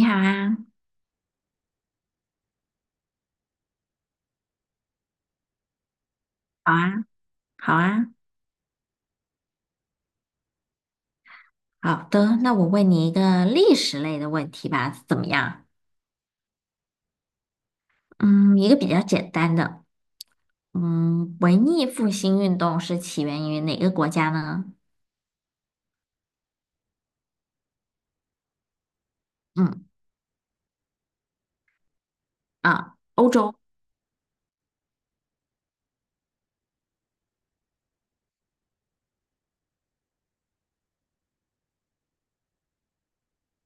你好啊，好啊，好啊，好的。那我问你一个历史类的问题吧，怎么样？嗯，一个比较简单的。嗯，文艺复兴运动是起源于哪个国家呢？嗯啊，欧洲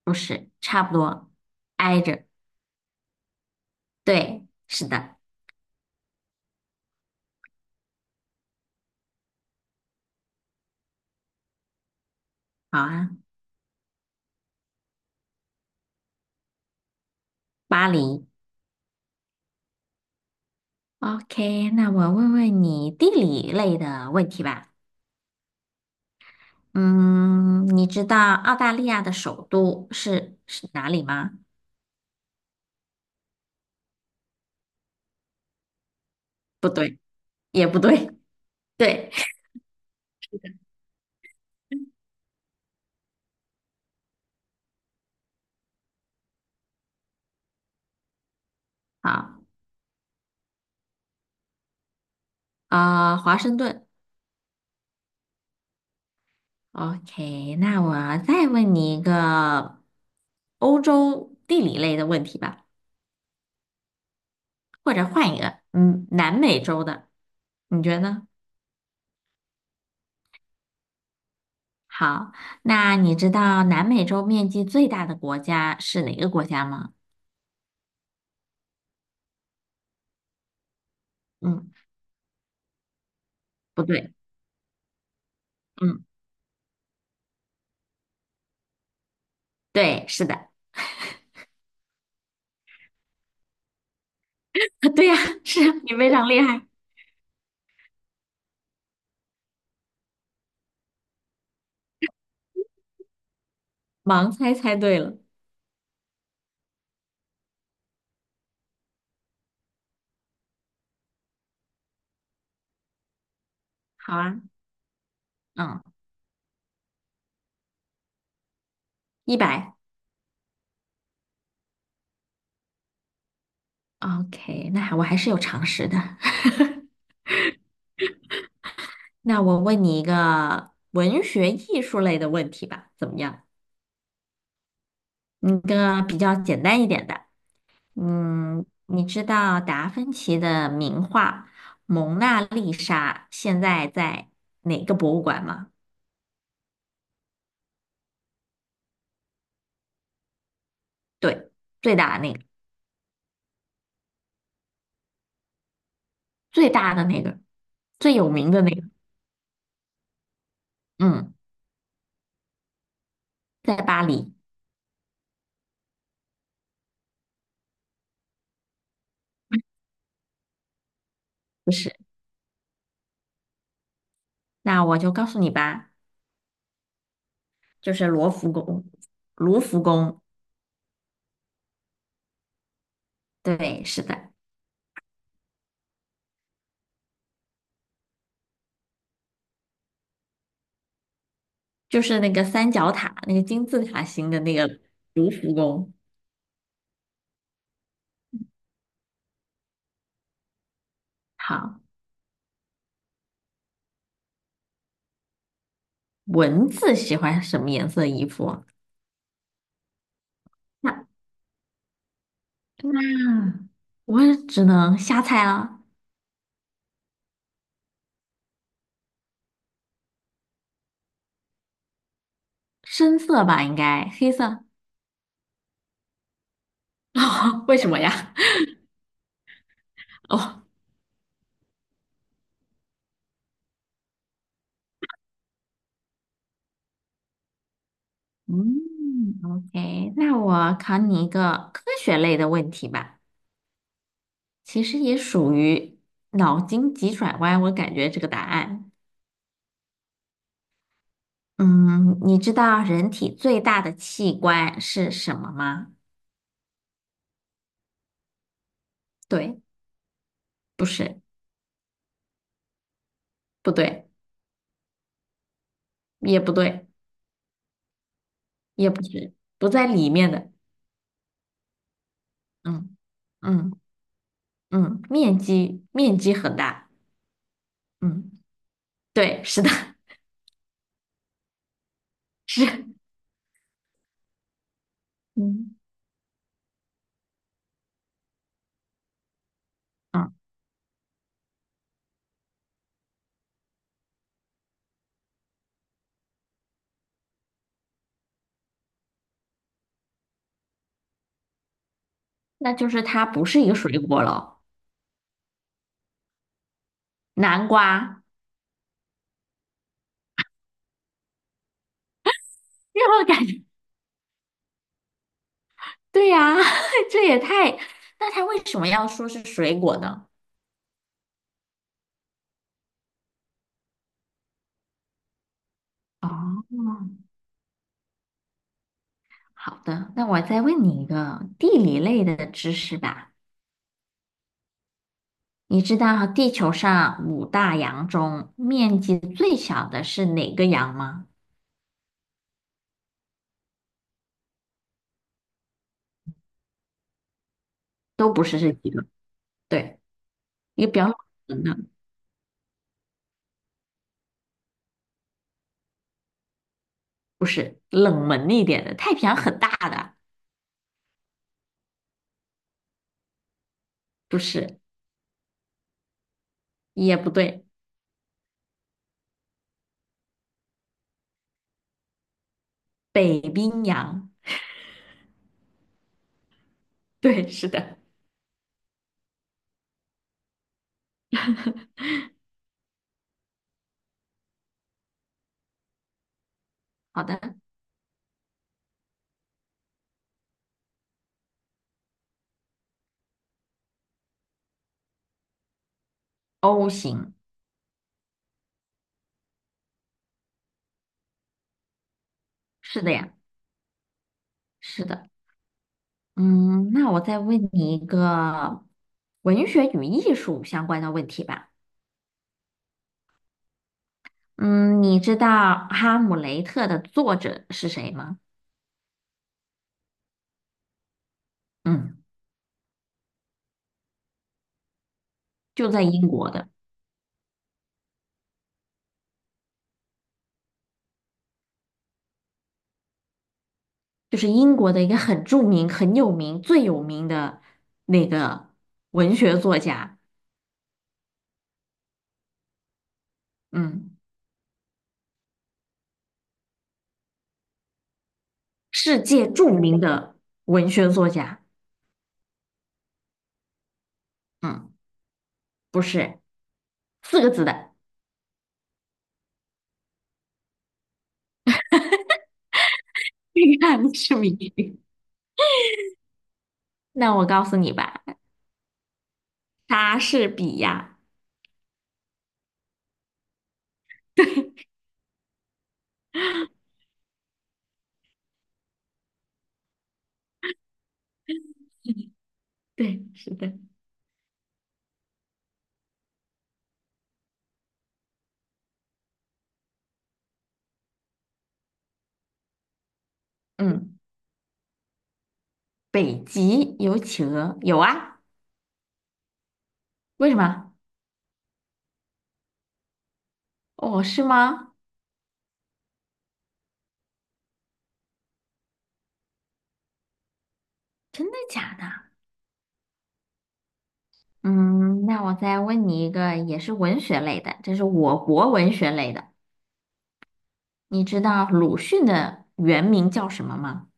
不是，差不多，挨着。对，是的，好啊，巴黎。OK，那我问问你地理类的问题吧。嗯，你知道澳大利亚的首都是哪里吗？不对，也不对。对，好，华盛顿。OK，那我再问你一个欧洲地理类的问题吧，或者换一个，嗯，南美洲的，你觉得呢？好，那你知道南美洲面积最大的国家是哪个国家吗？嗯，不对，嗯，对，是的，对呀，是你非常厉害，盲猜猜对了。好啊，嗯，100。OK，那我还是有常识的。那我问你一个文学艺术类的问题吧，怎么样？嗯，个比较简单一点的。嗯，你知道达芬奇的名画《蒙娜丽莎》现在在哪个博物馆吗？对，最大的那个，最大的那个，最有名的那个。嗯，在巴黎。不是，那我就告诉你吧，就是罗浮宫。卢浮宫，对，是的。就是那个三角塔，那个金字塔形的那个卢浮宫。好，蚊子喜欢什么颜色的衣服啊？那嗯，我也只能瞎猜了，深色吧，应该黑色。哦，为什么呀？哦，嗯，OK，那我考你一个科学类的问题吧，其实也属于脑筋急转弯，我感觉这个答案。嗯，你知道人体最大的器官是什么吗？对，不是。不对，也不对，也不是，不在里面的。嗯嗯嗯，面积很大。嗯，对，是的，是。嗯嗯，那就是它不是一个水果了。南瓜，让我感觉，对呀、这也太……那它为什么要说是水果呢？哦，好的，那我再问你一个地理类的知识吧。你知道地球上五大洋中面积最小的是哪个洋吗？都不是这几个。对，一个比较冷门的，不是冷门一点的，太平洋很大的，不是，也不对，北冰洋，对，是的，好的，O 型，是的呀，是的，嗯，那我再问你一个文学与艺术相关的问题吧，嗯，你知道《哈姆雷特》的作者是谁吗？嗯，就在英国的。就是英国的一个很著名、很有名、最有名的那个文学作家，嗯，世界著名的文学作家，嗯，不是四个字的，这个是谜语那我告诉你吧，莎士比亚，对，是的，嗯，北极有企鹅，有啊，为什么？哦，是吗？真的假的？嗯，那我再问你一个，也是文学类的，这是我国文学类的。你知道鲁迅的原名叫什么吗？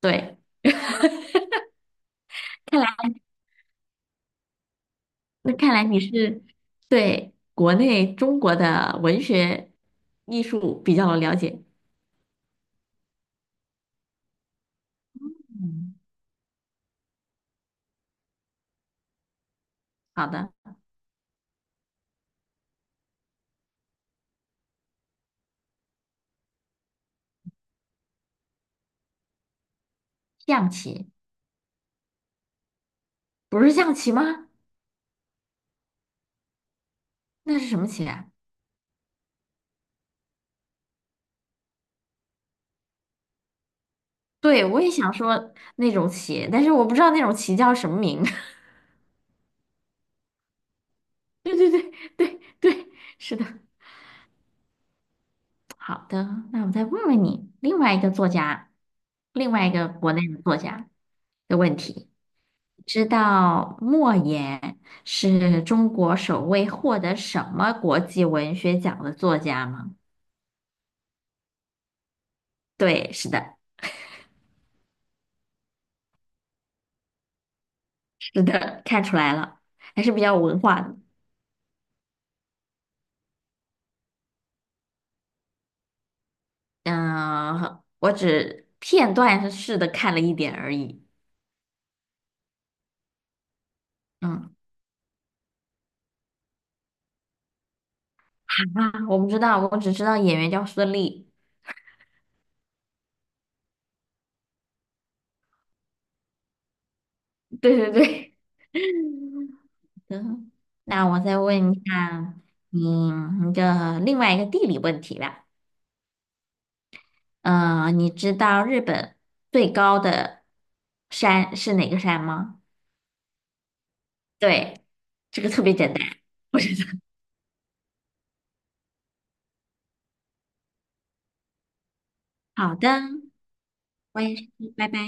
对，看来对国内中国的文学艺术比较了解。嗯，好的，象棋不是象棋吗？那是什么棋啊？对，我也想说那种棋，但是我不知道那种棋叫什么名。对对对对对，是的。好的，那我再问问你，另外一个作家，另外一个国内的作家的问题。知道莫言是中国首位获得什么国际文学奖的作家吗？对，是的，是的，看出来了，还是比较有文化的。嗯，我只片段式的看了一点而已。嗯啊，我不知道，我只知道演员叫孙俪。对对对，嗯，那我再问一下你一个另外一个地理问题吧。嗯，你知道日本最高的山是哪个山吗？对，这个特别简单。好的，我也是，拜拜。